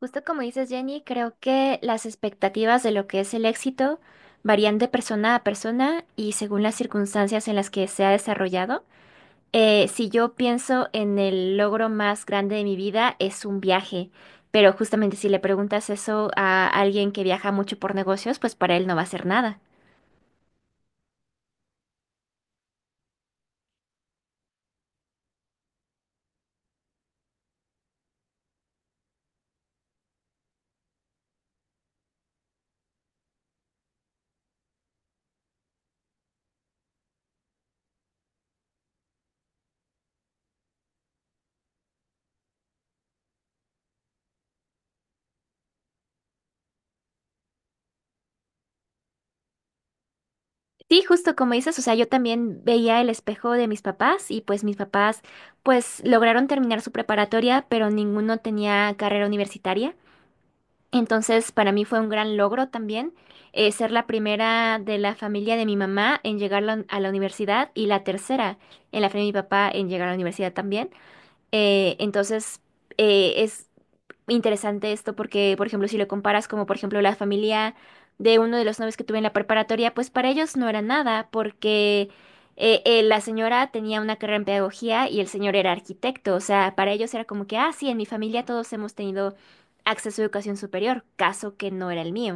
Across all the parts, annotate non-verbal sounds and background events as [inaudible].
Justo como dices, Jenny, creo que las expectativas de lo que es el éxito varían de persona a persona y según las circunstancias en las que se ha desarrollado. Si yo pienso en el logro más grande de mi vida, es un viaje, pero justamente si le preguntas eso a alguien que viaja mucho por negocios, pues para él no va a ser nada. Sí, justo como dices, o sea, yo también veía el espejo de mis papás y pues mis papás pues lograron terminar su preparatoria, pero ninguno tenía carrera universitaria. Entonces, para mí fue un gran logro también, ser la primera de la familia de mi mamá en llegar a la universidad y la tercera en la familia de mi papá en llegar a la universidad también. Eh, entonces, es interesante esto porque, por ejemplo, si lo comparas como, por ejemplo, la familia de uno de los novios que tuve en la preparatoria, pues para ellos no era nada porque la señora tenía una carrera en pedagogía y el señor era arquitecto. O sea, para ellos era como que, ah, sí, en mi familia todos hemos tenido acceso a educación superior, caso que no era el mío.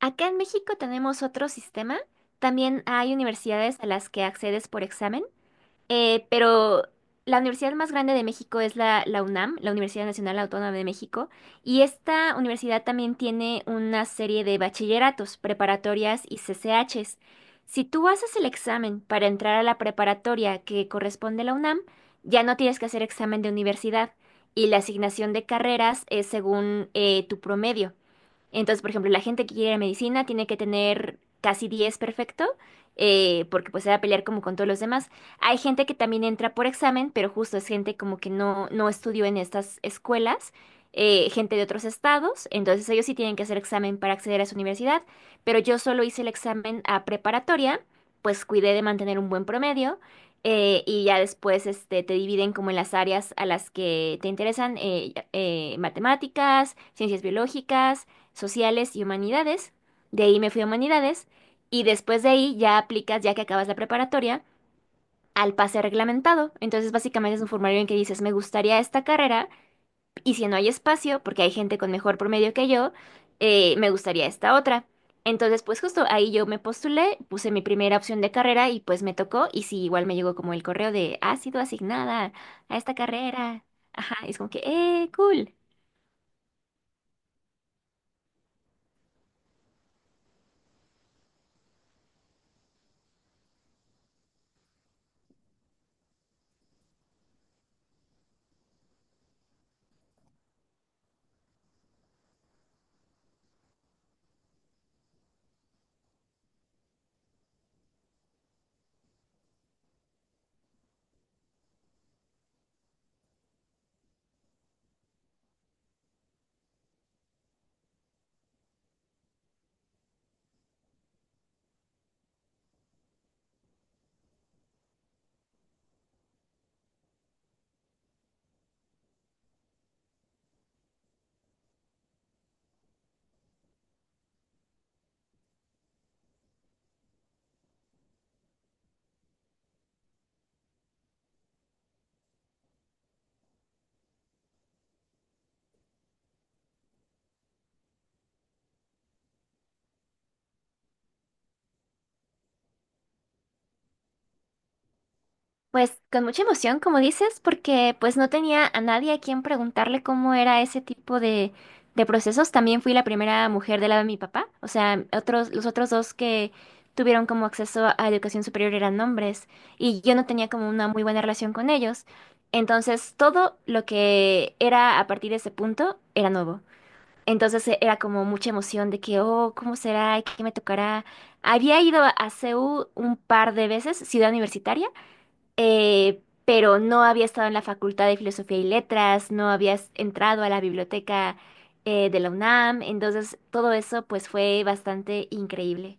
Acá en México tenemos otro sistema. También hay universidades a las que accedes por examen. Pero la universidad más grande de México es la UNAM, la Universidad Nacional Autónoma de México, y esta universidad también tiene una serie de bachilleratos, preparatorias y CCHs. Si tú haces el examen para entrar a la preparatoria que corresponde a la UNAM, ya no tienes que hacer examen de universidad y la asignación de carreras es según, tu promedio. Entonces, por ejemplo, la gente que quiere medicina tiene que tener casi 10, perfecto, porque pues se va a pelear como con todos los demás. Hay gente que también entra por examen, pero justo es gente como que no, no estudió en estas escuelas, gente de otros estados, entonces ellos sí tienen que hacer examen para acceder a su universidad, pero yo solo hice el examen a preparatoria, pues cuidé de mantener un buen promedio. Y ya después este, te dividen como en las áreas a las que te interesan, matemáticas, ciencias biológicas, sociales y humanidades. De ahí me fui a humanidades y después de ahí ya aplicas, ya que acabas la preparatoria, al pase reglamentado. Entonces básicamente es un formulario en que dices, me gustaría esta carrera y si no hay espacio, porque hay gente con mejor promedio que yo, me gustaría esta otra. Entonces, pues justo ahí yo me postulé, puse mi primera opción de carrera y pues me tocó y sí, igual me llegó como el correo de, ha sido asignada a esta carrera. Ajá, y es como que, cool. Pues con mucha emoción, como dices, porque pues no tenía a nadie a quien preguntarle cómo era ese tipo de procesos. También fui la primera mujer del lado de mi papá. O sea, otros, los otros dos que tuvieron como acceso a educación superior eran hombres, y yo no tenía como una muy buena relación con ellos. Entonces, todo lo que era a partir de ese punto era nuevo. Entonces era como mucha emoción de que, oh, ¿cómo será? ¿Qué me tocará? Había ido a CEU un par de veces, ciudad universitaria, pero no había estado en la Facultad de Filosofía y Letras, no había entrado a la biblioteca, de la UNAM, entonces todo eso pues fue bastante increíble.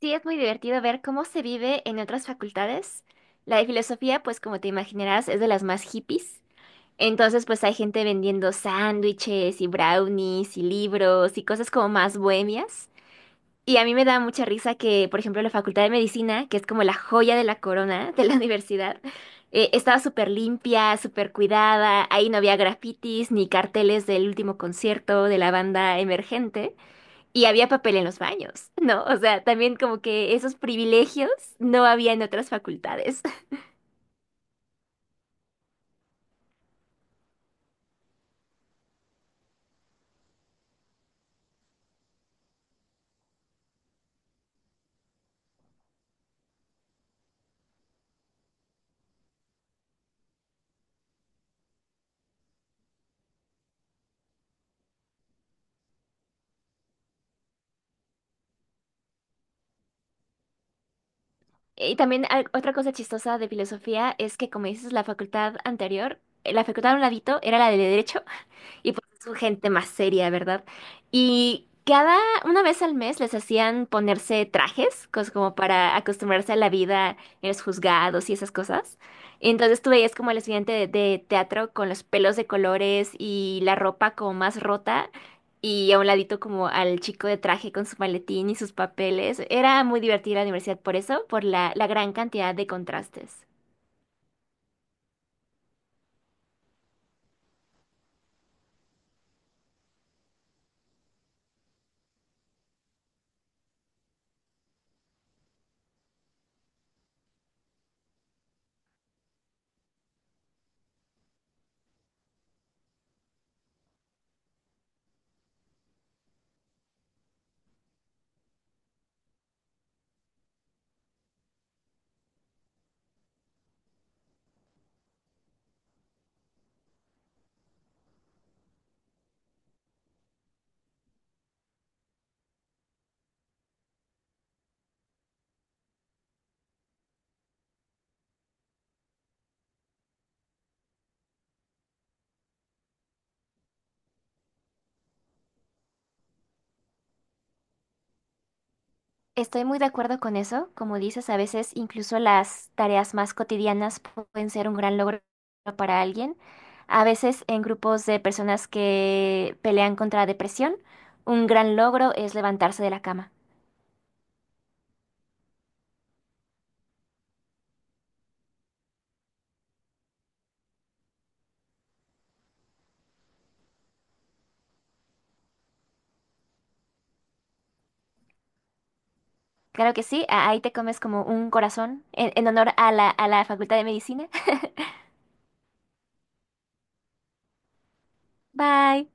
Sí, es muy divertido ver cómo se vive en otras facultades. La de filosofía, pues como te imaginarás, es de las más hippies. Entonces, pues hay gente vendiendo sándwiches y brownies y libros y cosas como más bohemias. Y a mí me da mucha risa que, por ejemplo, la Facultad de Medicina, que es como la joya de la corona de la [laughs] universidad, estaba súper limpia, súper cuidada, ahí no había grafitis ni carteles del último concierto de la banda emergente, y había papel en los baños, [laughs] ¿no? O sea, también como que esos privilegios no había en otras facultades. [laughs] Y también otra cosa chistosa de filosofía es que, como dices, la facultad anterior, la facultad a un ladito era la de derecho. Y pues son gente más seria, ¿verdad? Y cada, una vez al mes les hacían ponerse trajes, como para acostumbrarse a la vida en los juzgados y esas cosas. Entonces tú veías como el estudiante de teatro con los pelos de colores y la ropa como más rota y a un ladito como al chico de traje con su maletín y sus papeles. Era muy divertida la universidad por eso, por la gran cantidad de contrastes. Estoy muy de acuerdo con eso. Como dices, a veces incluso las tareas más cotidianas pueden ser un gran logro para alguien. A veces en grupos de personas que pelean contra depresión, un gran logro es levantarse de la cama. Claro que sí, ahí te comes como un corazón en honor a la Facultad de Medicina. [laughs] Bye.